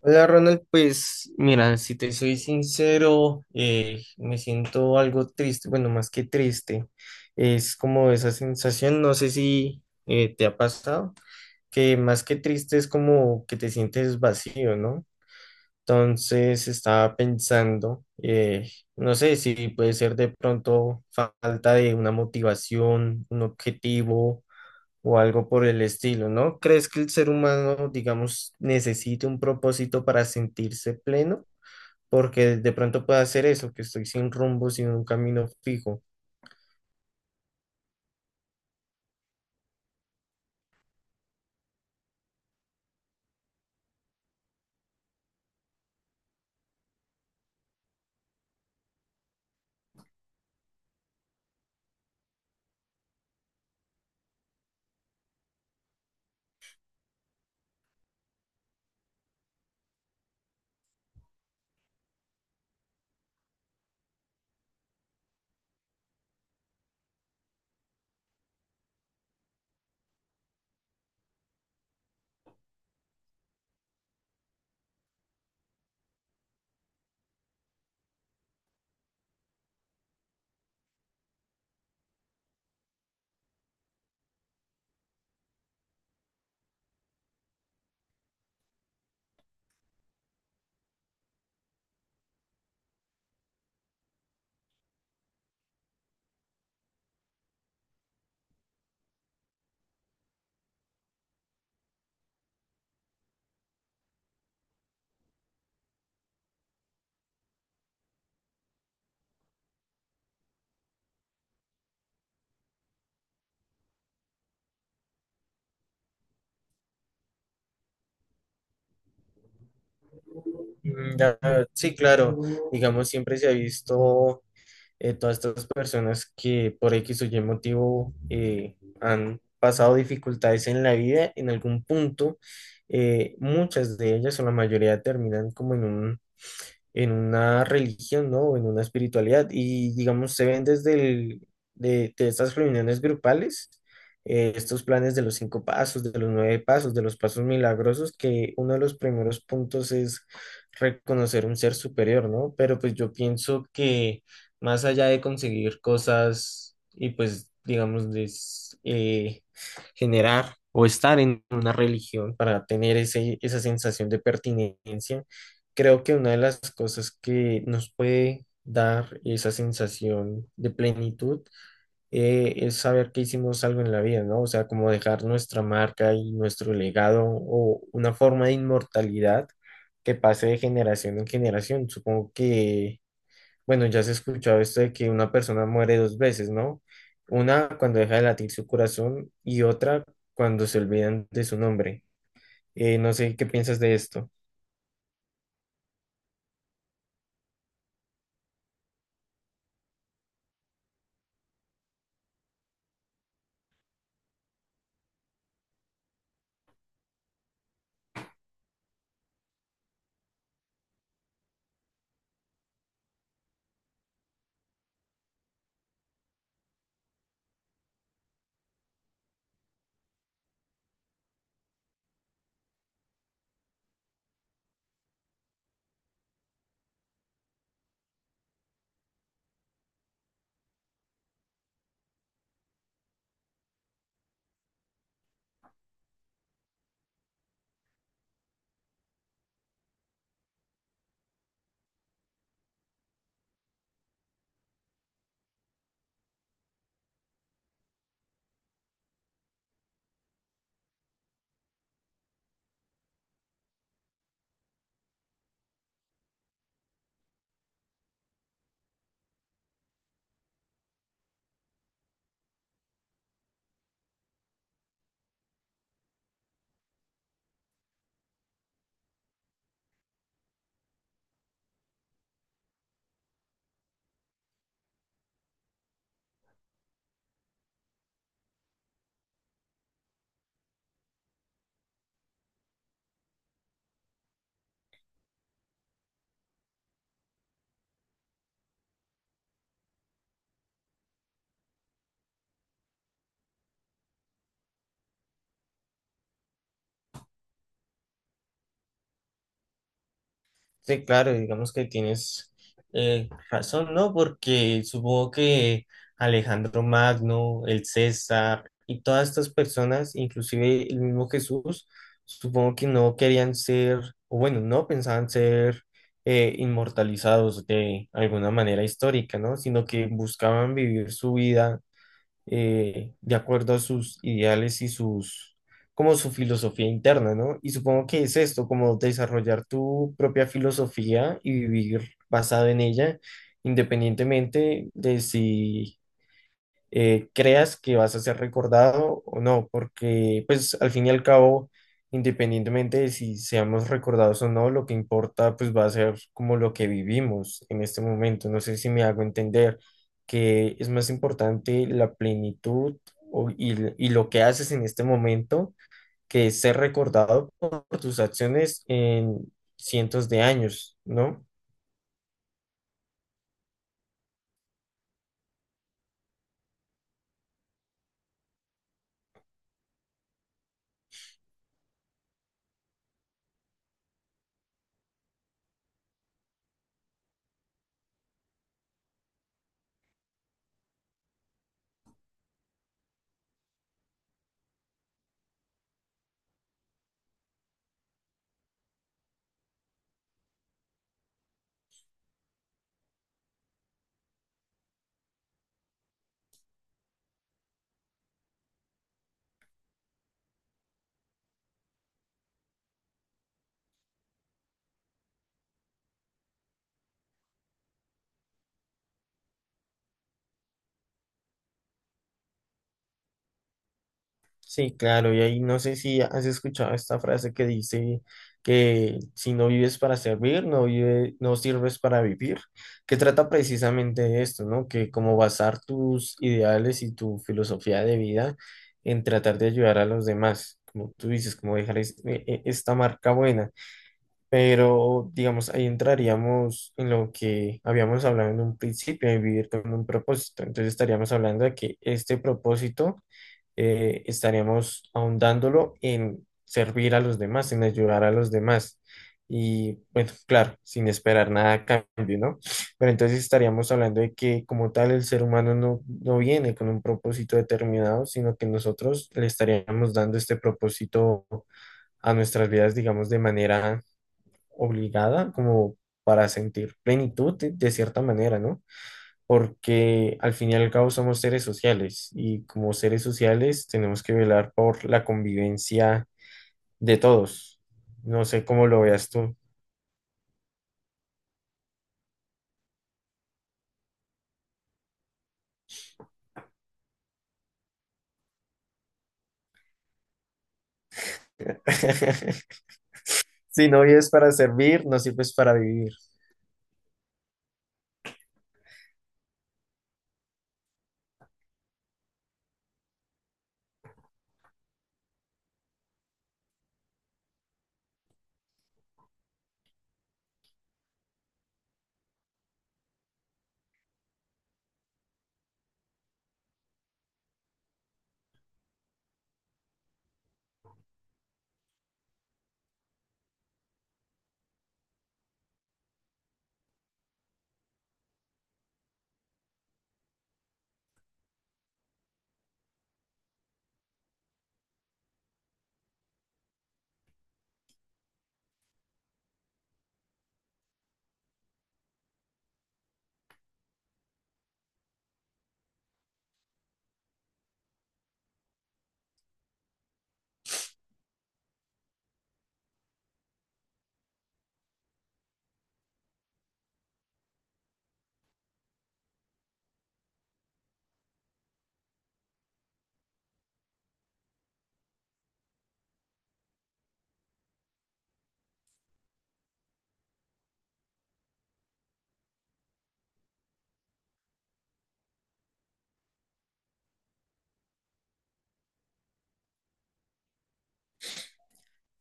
Hola Ronald, pues mira, si te soy sincero, me siento algo triste. Bueno, más que triste, es como esa sensación, no sé si te ha pasado, que más que triste es como que te sientes vacío, ¿no? Entonces estaba pensando, no sé si puede ser de pronto falta de una motivación, un objetivo o algo por el estilo, ¿no? ¿Crees que el ser humano, digamos, necesite un propósito para sentirse pleno? Porque de pronto puede hacer eso, que estoy sin rumbo, sin un camino fijo. Mm, ya, sí, claro, digamos, siempre se ha visto, todas estas personas que por X o Y motivo han pasado dificultades en la vida, en algún punto, muchas de ellas o la mayoría terminan como en un en una religión, ¿no? O en una espiritualidad. Y digamos, se ven desde de estas reuniones grupales, estos planes de los cinco pasos, de los nueve pasos, de los pasos milagrosos, que uno de los primeros puntos es reconocer un ser superior, ¿no? Pero pues yo pienso que más allá de conseguir cosas y pues, digamos, generar o estar en una religión para tener ese, esa sensación de pertinencia. Creo que una de las cosas que nos puede dar esa sensación de plenitud es saber que hicimos algo en la vida, ¿no? O sea, como dejar nuestra marca y nuestro legado o una forma de inmortalidad que pase de generación en generación. Supongo que, bueno, ya se ha escuchado esto de que una persona muere dos veces, ¿no? Una cuando deja de latir su corazón y otra cuando se olvidan de su nombre. No sé qué piensas de esto. Sí, claro, digamos que tienes razón, ¿no? Porque supongo que Alejandro Magno, el César y todas estas personas, inclusive el mismo Jesús, supongo que no querían ser, o bueno, no pensaban ser inmortalizados de alguna manera histórica, ¿no? Sino que buscaban vivir su vida de acuerdo a sus ideales y sus, como su filosofía interna, ¿no? Y supongo que es esto, como desarrollar tu propia filosofía y vivir basado en ella, independientemente de si creas que vas a ser recordado o no, porque pues al fin y al cabo, independientemente de si seamos recordados o no, lo que importa pues va a ser como lo que vivimos en este momento. No sé si me hago entender que es más importante la plenitud y lo que haces en este momento que ser recordado por tus acciones en cientos de años, ¿no? Sí, claro, y ahí no sé si has escuchado esta frase que dice que si no vives para servir, no sirves para vivir, que trata precisamente de esto, ¿no? Que como basar tus ideales y tu filosofía de vida en tratar de ayudar a los demás, como tú dices, como dejar esta marca buena, pero digamos, ahí entraríamos en lo que habíamos hablado en un principio, de vivir con un propósito, entonces estaríamos hablando de que este propósito estaríamos ahondándolo en servir a los demás, en ayudar a los demás. Y bueno, claro, sin esperar nada a cambio, ¿no? Pero entonces estaríamos hablando de que como tal el ser humano no viene con un propósito determinado, sino que nosotros le estaríamos dando este propósito a nuestras vidas, digamos, de manera obligada, como para sentir plenitud de cierta manera, ¿no? Porque al fin y al cabo somos seres sociales y como seres sociales tenemos que velar por la convivencia de todos. No sé cómo lo veas tú. Si no vives para servir, no sirves para vivir.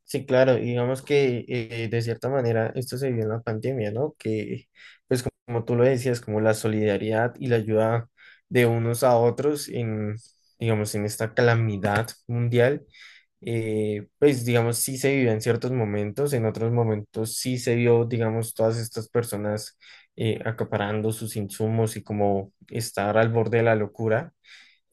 Sí, claro, y digamos que de cierta manera esto se vio en la pandemia, ¿no? Que pues como tú lo decías, como la solidaridad y la ayuda de unos a otros en, digamos, en esta calamidad mundial, pues digamos, sí se vivió en ciertos momentos, en otros momentos sí se vio, digamos, todas estas personas acaparando sus insumos y como estar al borde de la locura.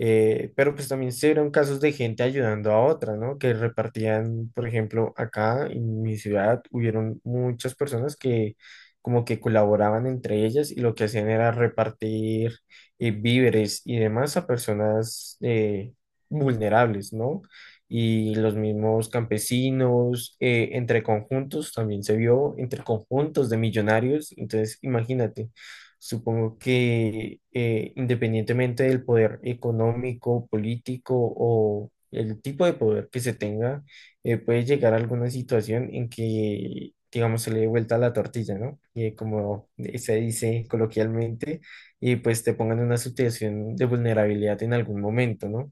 Pero pues también se vieron casos de gente ayudando a otra, ¿no? Que repartían. Por ejemplo, acá en mi ciudad hubieron muchas personas que como que colaboraban entre ellas y lo que hacían era repartir víveres y demás a personas vulnerables, ¿no? Y los mismos campesinos, entre conjuntos, también se vio entre conjuntos de millonarios, entonces imagínate. Supongo que independientemente del poder económico, político o el tipo de poder que se tenga, puede llegar a alguna situación en que, digamos, se le dé vuelta la tortilla, ¿no? Y como se dice coloquialmente, y pues te pongan en una situación de vulnerabilidad en algún momento, ¿no?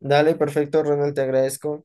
Dale, perfecto, Ronald, te agradezco.